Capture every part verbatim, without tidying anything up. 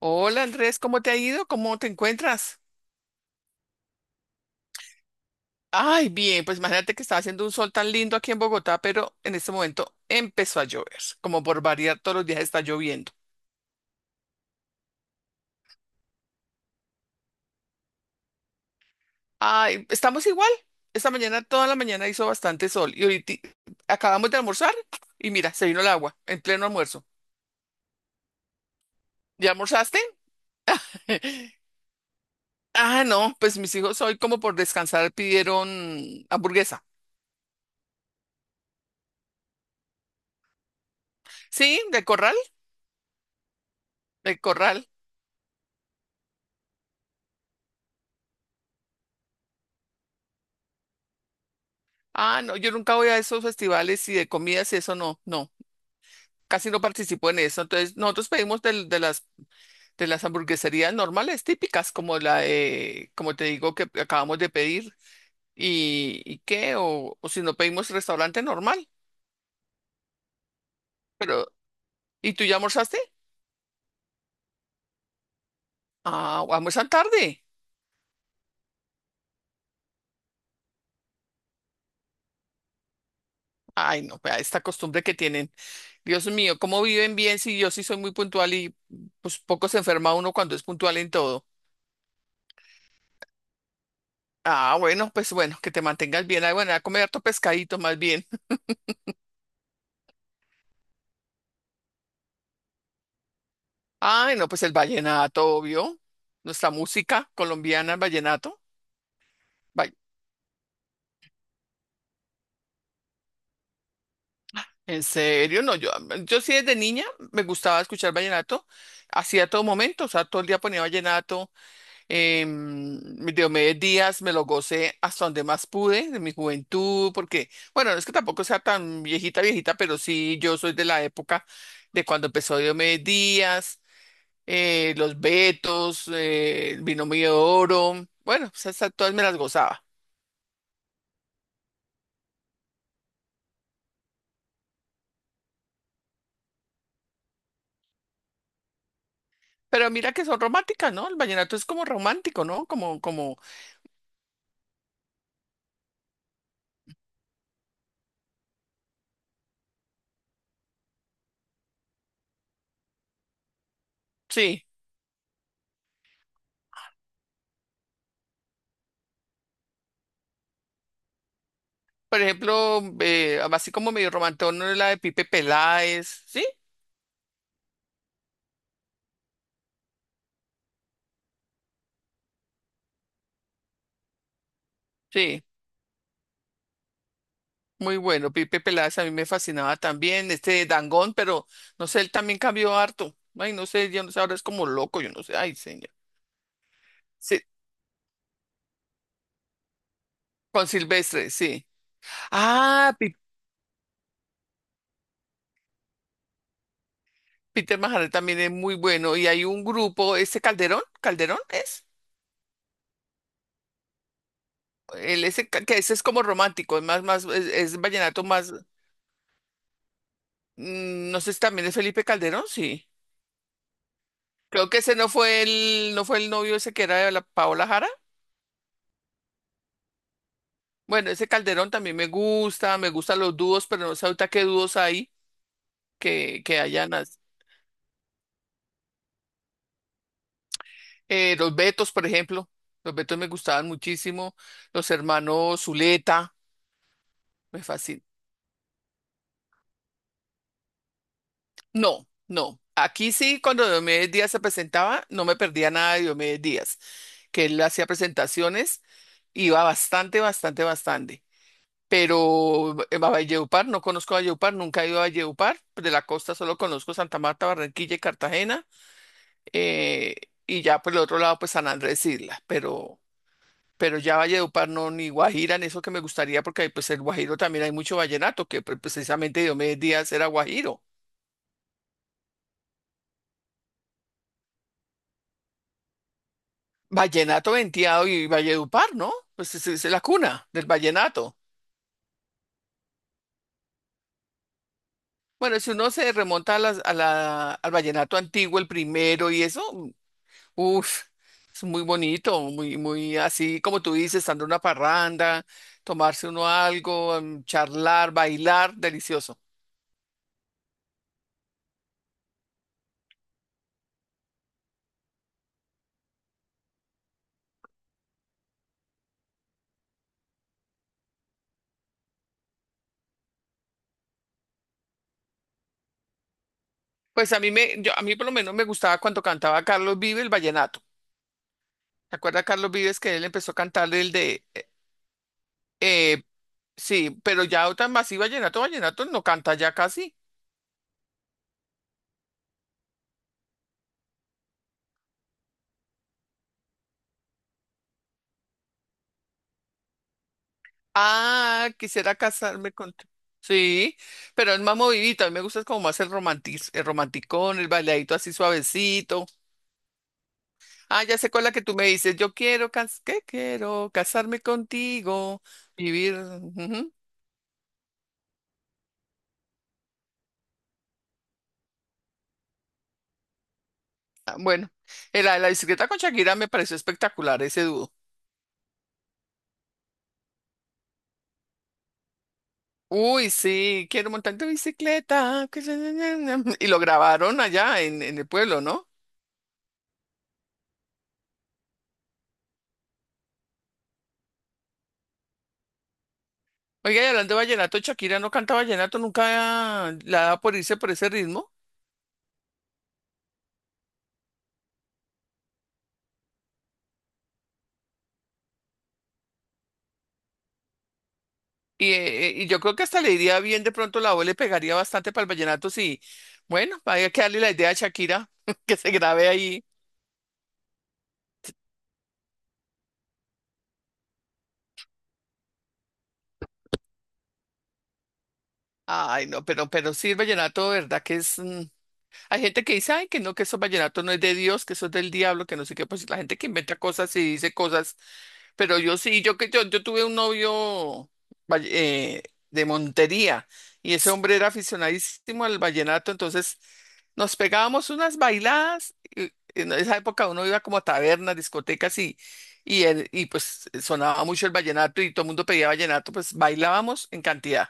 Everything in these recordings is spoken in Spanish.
Hola Andrés, ¿cómo te ha ido? ¿Cómo te encuentras? Ay, bien, pues imagínate que estaba haciendo un sol tan lindo aquí en Bogotá, pero en este momento empezó a llover. Como por variar, todos los días está lloviendo. Ay, estamos igual. Esta mañana, toda la mañana hizo bastante sol y ahorita acabamos de almorzar y mira, se vino el agua en pleno almuerzo. ¿Ya almorzaste? Ah, no, pues mis hijos hoy como por descansar pidieron hamburguesa. Sí, de corral, de corral. Ah, no, yo nunca voy a esos festivales y de comidas y eso no, no. Casi no participó en eso. Entonces, nosotros pedimos del- de, las, de las hamburgueserías normales, típicas, como la, de como te digo, que acabamos de pedir, y, y qué, o, o si no pedimos restaurante normal. Pero, ¿y tú ya almorzaste? Ah, almuerzan tarde. Ay, no, vea esta costumbre que tienen. Dios mío, ¿cómo viven bien si yo sí soy muy puntual y pues poco se enferma uno cuando es puntual en todo? Ah, bueno, pues bueno, que te mantengas bien. Ay, bueno, a comer harto pescadito más bien. Ay, no, pues el vallenato, obvio. Nuestra música colombiana, el vallenato. Vay- En serio, no, yo, yo sí desde niña me gustaba escuchar vallenato, así a todo momento, o sea, todo el día ponía vallenato. em, Diomedes Díaz me lo gocé hasta donde más pude, de mi juventud, porque, bueno, no es que tampoco sea tan viejita, viejita, pero sí, yo soy de la época de cuando empezó Diomedes Díaz, eh, los Betos, eh, el binomio de oro. Bueno, pues esas todas me las gozaba. Pero mira que son románticas, ¿no? El vallenato es como romántico, ¿no? Como, como, sí. Por ejemplo, eh, así como medio romantón, ¿no? La de Pipe Peláez, ¿sí? Sí, muy bueno. Pipe Peláez a mí me fascinaba también. Este Dangond, pero no sé, él también cambió harto. Ay, no sé, yo no sé, ahora es como loco, yo no sé. Ay, señor. Sí, con Silvestre, sí. Ah, Pi- Peter Majarre también es muy bueno. Y hay un grupo, este Calderón, ¿Calderón es? El ese, ca- que ese es como romántico, es más, más, es, es vallenato más. Mm, No sé si también es Felipe Calderón, sí. Creo que ese no fue el, no fue el novio ese que era de la Paola Jara. Bueno, ese Calderón también me gusta, me gustan los dúos, pero no sé ahorita qué dúos hay que, que hayan. as- eh, los Betos, por ejemplo. Los Betos me gustaban muchísimo. Los hermanos Zuleta, me fascina. No, no. Aquí sí, cuando Diomedes Díaz se presentaba, no me perdía nada de Diomedes Díaz, que él hacía presentaciones, iba bastante, bastante, bastante. Pero eh, a Valledupar, no conozco Valledupar, nunca he ido a Valledupar, pues, de la costa solo conozco Santa Marta, Barranquilla y Cartagena, eh, y ya por el otro lado pues San Andrés Isla, pero, pero, ya Valledupar no, ni Guajira, ni eso que me gustaría, porque pues el Guajiro también hay mucho vallenato, que pre- precisamente Diomedes Díaz era Guajiro, vallenato venteado y Valledupar, ¿no? Pues es, es la cuna del vallenato. Bueno, si uno se remonta a las- a la- al vallenato antiguo, el primero y eso, uf, es muy bonito, muy, muy así como tú dices, andar una parranda, tomarse uno algo, em, charlar, bailar, delicioso. Pues a mí me, yo, a mí por lo menos me gustaba cuando cantaba Carlos Vives el vallenato. ¿Te acuerdas Carlos Vives que él empezó a cantar el de, eh, eh, sí? Pero ya otra más y vallenato, vallenato no canta ya casi. Ah, quisiera casarme con tu- Sí, pero es más movidito, a mí me gusta como más el romantiz, el romanticón, el bailadito así suavecito. Ah, ya sé cuál es la que tú me dices. Yo quiero, cas- ¿qué quiero? Casarme contigo, vivir. Ujú. Ah, bueno, eh, la de la bicicleta con Shakira me pareció espectacular ese dúo. Uy, sí, quiero montar en tu bicicleta. Que se- na- na- na. Y lo grabaron allá en, en el pueblo, ¿no? Oiga, y hablando de vallenato, Shakira no canta vallenato, nunca la da por irse por ese ritmo. Y, eh, y yo creo que hasta le iría bien, de pronto la voz le pegaría bastante para el vallenato, sí. Bueno, hay que darle la idea a Shakira que se grabe ahí. Ay, no, pero, pero sí, el vallenato, ¿verdad? Que es. mm, Hay gente que dice, ay, que no, que eso vallenato no es de Dios, que eso es del diablo, que no sé qué. Pues la gente que inventa cosas y dice cosas. Pero yo sí, yo que yo, yo tuve un novio, valle- eh, de Montería, y ese hombre era aficionadísimo al vallenato, entonces nos pegábamos unas bailadas. Y en esa época uno iba como a tabernas, discotecas y, y, el- y pues sonaba mucho el vallenato y todo el mundo pedía vallenato, pues bailábamos en cantidad.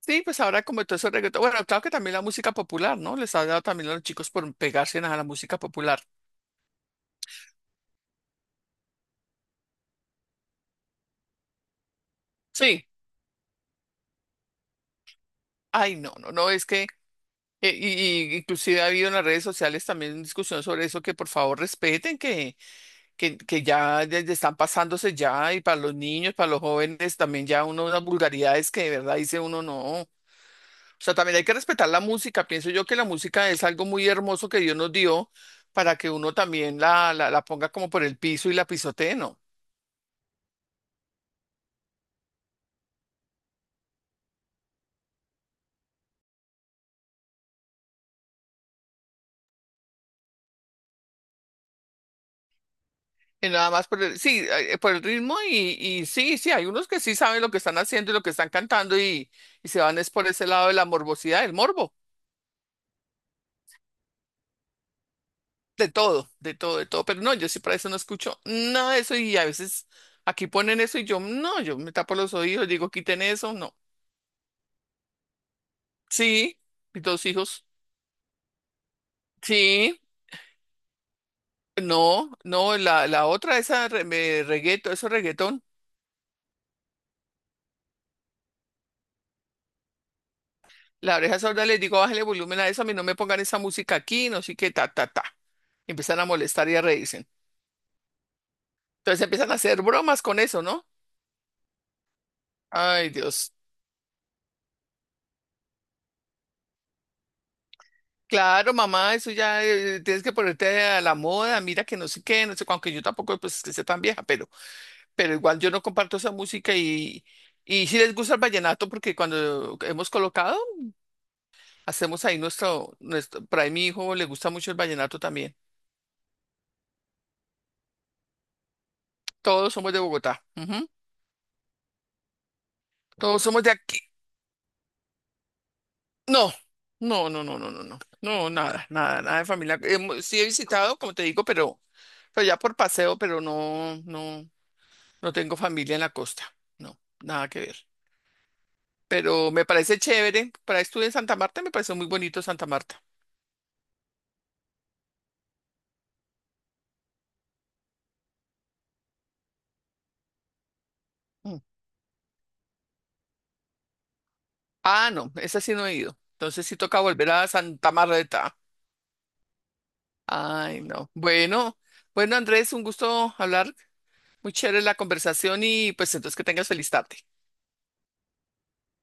Sí, pues ahora como todo eso reggaetón, bueno, claro que también la música popular, ¿no? Les ha dado también a los chicos por pegarse a la música popular. Sí, ay, no, no, no, es que, eh, y, y- inclusive ha habido en las redes sociales también discusión sobre eso, que por favor respeten, que, que, que ya, ya- ya están pasándose ya, y para los niños, para los jóvenes, también ya uno, unas vulgaridades que de verdad dice uno no. O sea, también hay que respetar la música. Pienso yo que la música es algo muy hermoso que Dios nos dio para que uno también la, la, la ponga como por el piso y la pisotee, ¿no? Y nada más por el, sí, eh, por el ritmo y, y sí, sí, hay unos que sí saben lo que están haciendo y lo que están cantando, y, y se van es por ese lado de la morbosidad, el morbo, de todo, de todo, de todo. Pero no, yo sí para eso no escucho nada de eso y a veces aquí ponen eso y yo, no, yo me tapo los oídos, digo, quiten eso, no. Sí, mis dos hijos, sí, no, no, la, la otra, esa re- me- reggaetón, eso reggaetón. La oreja sorda les digo, bájale volumen a eso, a mí no me pongan esa música aquí, no sé qué, ta, ta, ta. Y empiezan a molestar y a reírse. Entonces empiezan a hacer bromas con eso, ¿no? Ay, Dios. Claro, mamá, eso ya eh, tienes que ponerte a la moda, mira que no sé qué, no sé, cu- aunque yo tampoco, pues es que sea tan vieja, pero, pero, igual yo no comparto esa música, y, y sí les gusta el vallenato porque cuando hemos colocado, hacemos ahí nuestro, nuestro, por mi hijo le gusta mucho el vallenato también. Todos somos de Bogotá, ujú. Todos somos de aquí. No, no, no, no, no, no, no, no, nada, nada, nada de familia. Hemo- sí he visitado, como te digo, pero, pero ya por paseo, pero no, no, no tengo familia en la costa, no, nada que ver. Pero me parece chévere, para estuve en Santa Marta, me pareció muy bonito Santa Marta. Mm. Ah, no, esa sí no he ido, entonces sí toca volver a Santa Marta. Ay, no, bueno, bueno, Andrés, un gusto hablar, muy chévere la conversación y pues entonces que tengas feliz tarde.